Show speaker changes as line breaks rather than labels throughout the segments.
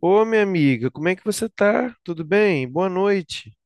Ô, minha amiga, como é que você tá? Tudo bem? Boa noite.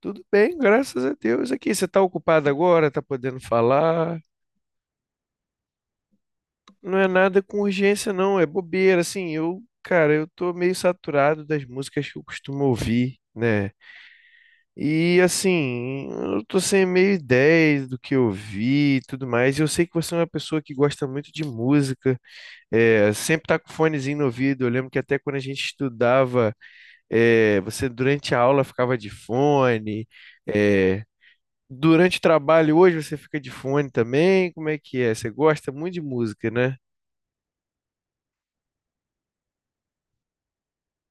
Tudo bem, graças a Deus. Aqui, você tá ocupada agora? Tá podendo falar? Não é nada com urgência, não. É bobeira. Assim, eu, cara, eu tô meio saturado das músicas que eu costumo ouvir, né? E, assim, eu tô sem meio ideia do que ouvir e tudo mais. Eu sei que você é uma pessoa que gosta muito de música, sempre tá com fonezinho no ouvido. Eu lembro que até quando a gente estudava. É, você durante a aula ficava de fone. é, Durante o trabalho hoje você fica de fone também. Como é que é? Você gosta muito de música, né?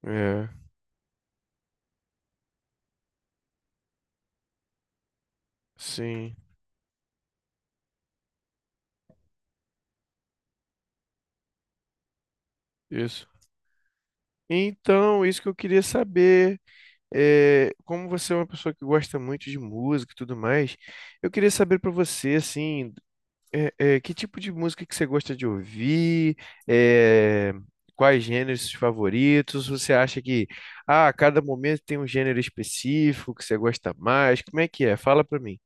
É, sim, isso. Então, isso que eu queria saber, como você é uma pessoa que gosta muito de música e tudo mais, eu queria saber para você, assim, que tipo de música que você gosta de ouvir? É, quais gêneros favoritos? Você acha que ah, a cada momento tem um gênero específico que você gosta mais? Como é que é? Fala pra mim.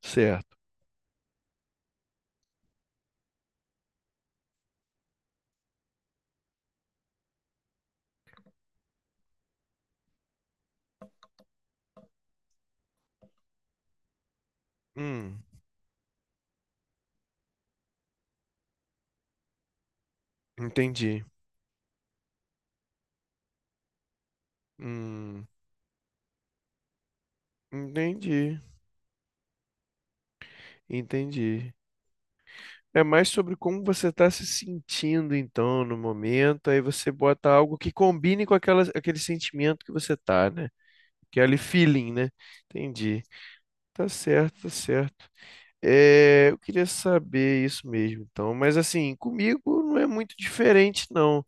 Certo. Hum, entendi. Hum, entendi. Entendi. É mais sobre como você está se sentindo, então, no momento. Aí você bota algo que combine com aquele sentimento que você tá, né? Aquele feeling, né? Entendi. Tá certo, tá certo. É, eu queria saber isso mesmo, então. Mas assim, comigo não é muito diferente, não.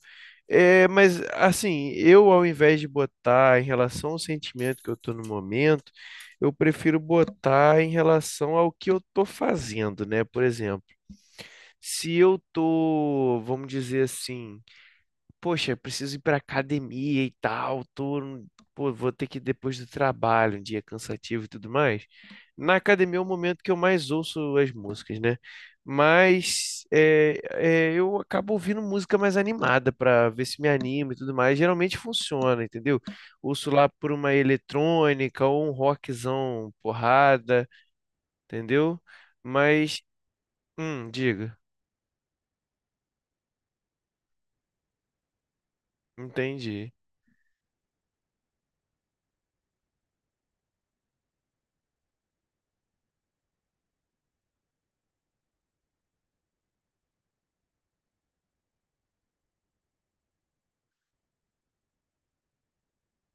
É, mas assim, eu ao invés de botar em relação ao sentimento que eu estou no momento, eu prefiro botar em relação ao que eu estou fazendo, né? Por exemplo, se eu tô, vamos dizer assim, poxa, eu preciso ir pra academia e tal, tô, pô, vou ter que ir depois do trabalho, um dia cansativo e tudo mais. Na academia é o momento que eu mais ouço as músicas, né? Mas eu acabo ouvindo música mais animada pra ver se me anima e tudo mais. Geralmente funciona, entendeu? Ouço lá por uma eletrônica ou um rockzão porrada, entendeu? Mas, diga, entendi.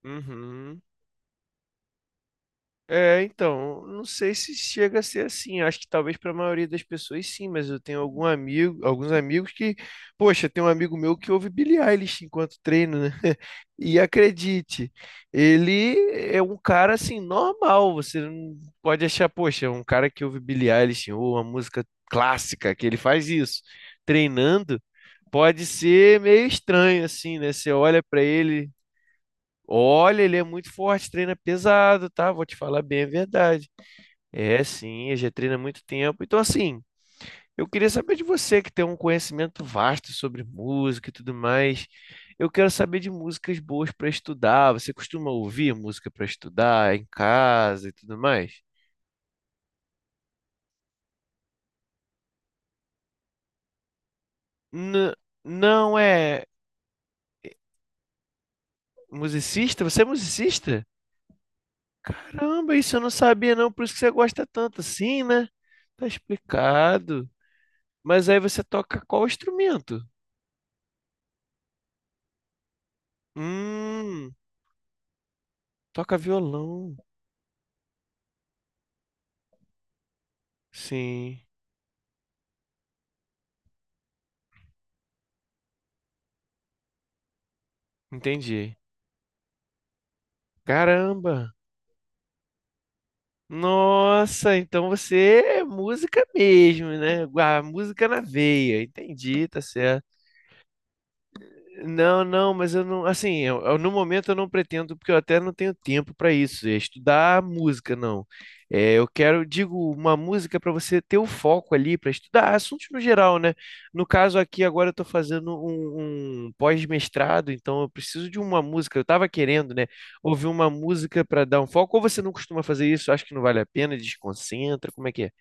Uhum. É, então, não sei se chega a ser assim. Acho que talvez para a maioria das pessoas sim, mas eu tenho algum amigo, alguns amigos que, poxa, tem um amigo meu que ouve Billie Eilish enquanto treino, né? E acredite, ele é um cara assim normal, você não pode achar, poxa, um cara que ouve Billie Eilish ou uma música clássica, que ele faz isso treinando, pode ser meio estranho assim, né? Você olha para ele. Olha, ele é muito forte, treina pesado, tá? Vou te falar bem a verdade. É, sim, ele já treina há muito tempo. Então, assim, eu queria saber de você, que tem um conhecimento vasto sobre música e tudo mais. Eu quero saber de músicas boas para estudar. Você costuma ouvir música para estudar em casa e tudo mais? N- não é musicista? Você é musicista? Caramba, isso eu não sabia, não. Por isso que você gosta tanto assim, né? Tá explicado. Mas aí você toca qual instrumento? Hum, toca violão. Sim, entendi. Caramba! Nossa, então você é música mesmo, né? A música na veia. Entendi, tá certo. Não, não, mas eu não, assim, no momento eu não pretendo, porque eu até não tenho tempo para isso, é estudar música, não. É, eu quero, digo, uma música para você ter o foco ali para estudar assuntos no geral, né? No caso aqui, agora eu estou fazendo um pós-mestrado, então eu preciso de uma música. Eu estava querendo, né, ouvir uma música para dar um foco, ou você não costuma fazer isso, acha que não vale a pena, desconcentra, como é que é?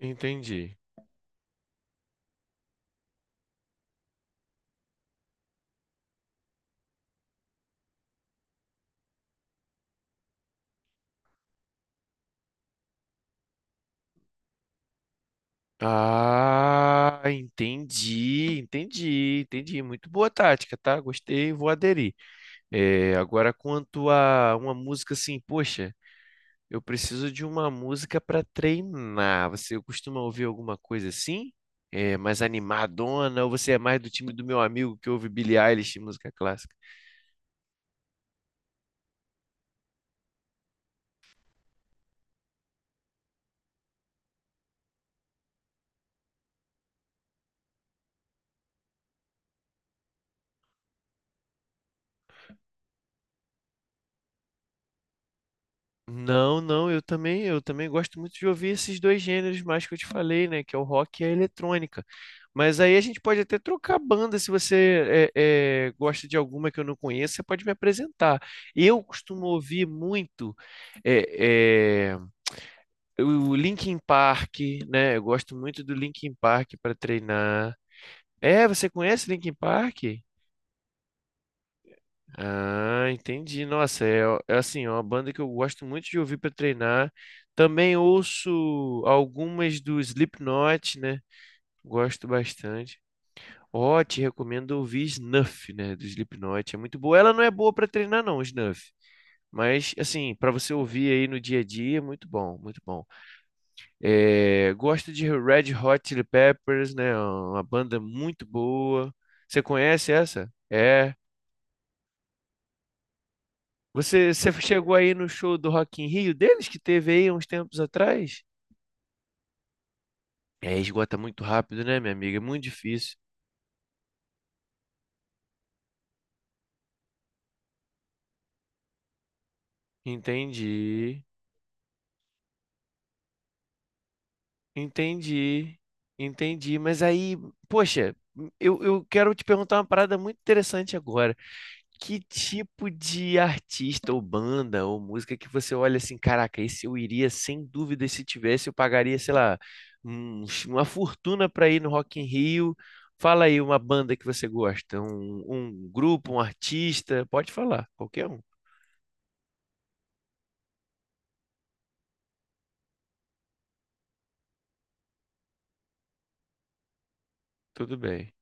Entendi. Ah, entendi, entendi, entendi. Muito boa tática, tá? Gostei, vou aderir. É, agora, quanto a uma música assim, poxa, eu preciso de uma música para treinar. Você costuma ouvir alguma coisa assim? É, mais animadona? Ou você é mais do time do meu amigo que ouve Billie Eilish, e música clássica? Não, não, eu também gosto muito de ouvir esses dois gêneros mais que eu te falei, né? Que é o rock e a eletrônica. Mas aí a gente pode até trocar banda, se você gosta de alguma que eu não conheço, você pode me apresentar. Eu costumo ouvir muito é, o Linkin Park, né? Eu gosto muito do Linkin Park para treinar. É, você conhece Linkin Park? Ah, entendi. Nossa, é assim, é uma banda que eu gosto muito de ouvir para treinar. Também ouço algumas do Slipknot, né? Gosto bastante. Ó, te recomendo ouvir Snuff, né? Do Slipknot. É muito boa. Ela não é boa para treinar, não, Snuff. Mas, assim, para você ouvir aí no dia a dia, é muito bom, muito bom. É, gosto de Red Hot Chili Peppers, né? Uma banda muito boa. Você conhece essa? É. Você chegou aí no show do Rock in Rio deles, que teve aí uns tempos atrás? É, esgota muito rápido, né, minha amiga? É muito difícil. Entendi, entendi, entendi. Mas aí, poxa, eu quero te perguntar uma parada muito interessante agora. Que tipo de artista ou banda ou música que você olha assim, caraca, esse eu iria sem dúvida, se tivesse, eu pagaria, sei lá, uma fortuna para ir no Rock in Rio. Fala aí uma banda que você gosta, um grupo, um artista, pode falar, qualquer um, tudo bem.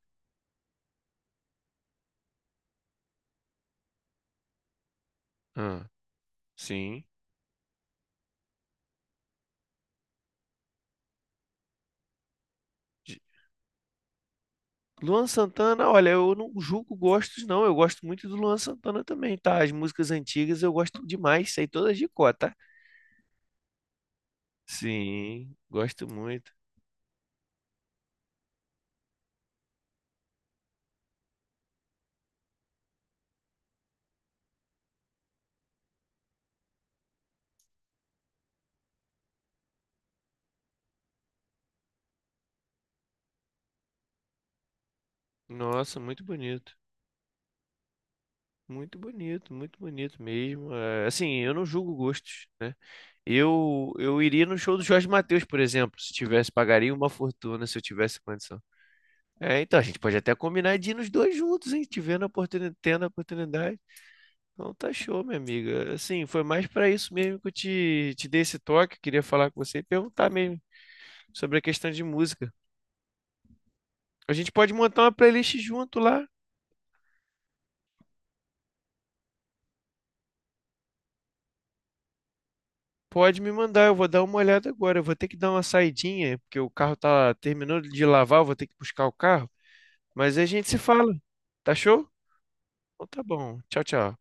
Ah, sim. De- Luan Santana, olha, eu não julgo gostos, não. Eu gosto muito do Luan Santana também, tá? As músicas antigas eu gosto demais, sei todas de cor, tá? Sim, gosto muito. Nossa, muito bonito. Muito bonito, muito bonito mesmo. É, assim, eu não julgo gostos, né? Eu iria no show do Jorge Mateus, por exemplo, se tivesse, pagaria uma fortuna se eu tivesse condição. É, então a gente pode até combinar de ir nos dois juntos, hein? Tivendo a oportunidade, tendo a oportunidade. Então tá show, minha amiga. Assim, foi mais pra isso mesmo que eu te dei esse toque. Queria falar com você e perguntar mesmo sobre a questão de música. A gente pode montar uma playlist junto lá. Pode me mandar, eu vou dar uma olhada agora. Eu vou ter que dar uma saidinha, porque o carro tá terminando de lavar, eu vou ter que buscar o carro. Mas aí a gente se fala. Tá show? Então tá bom. Tchau, tchau.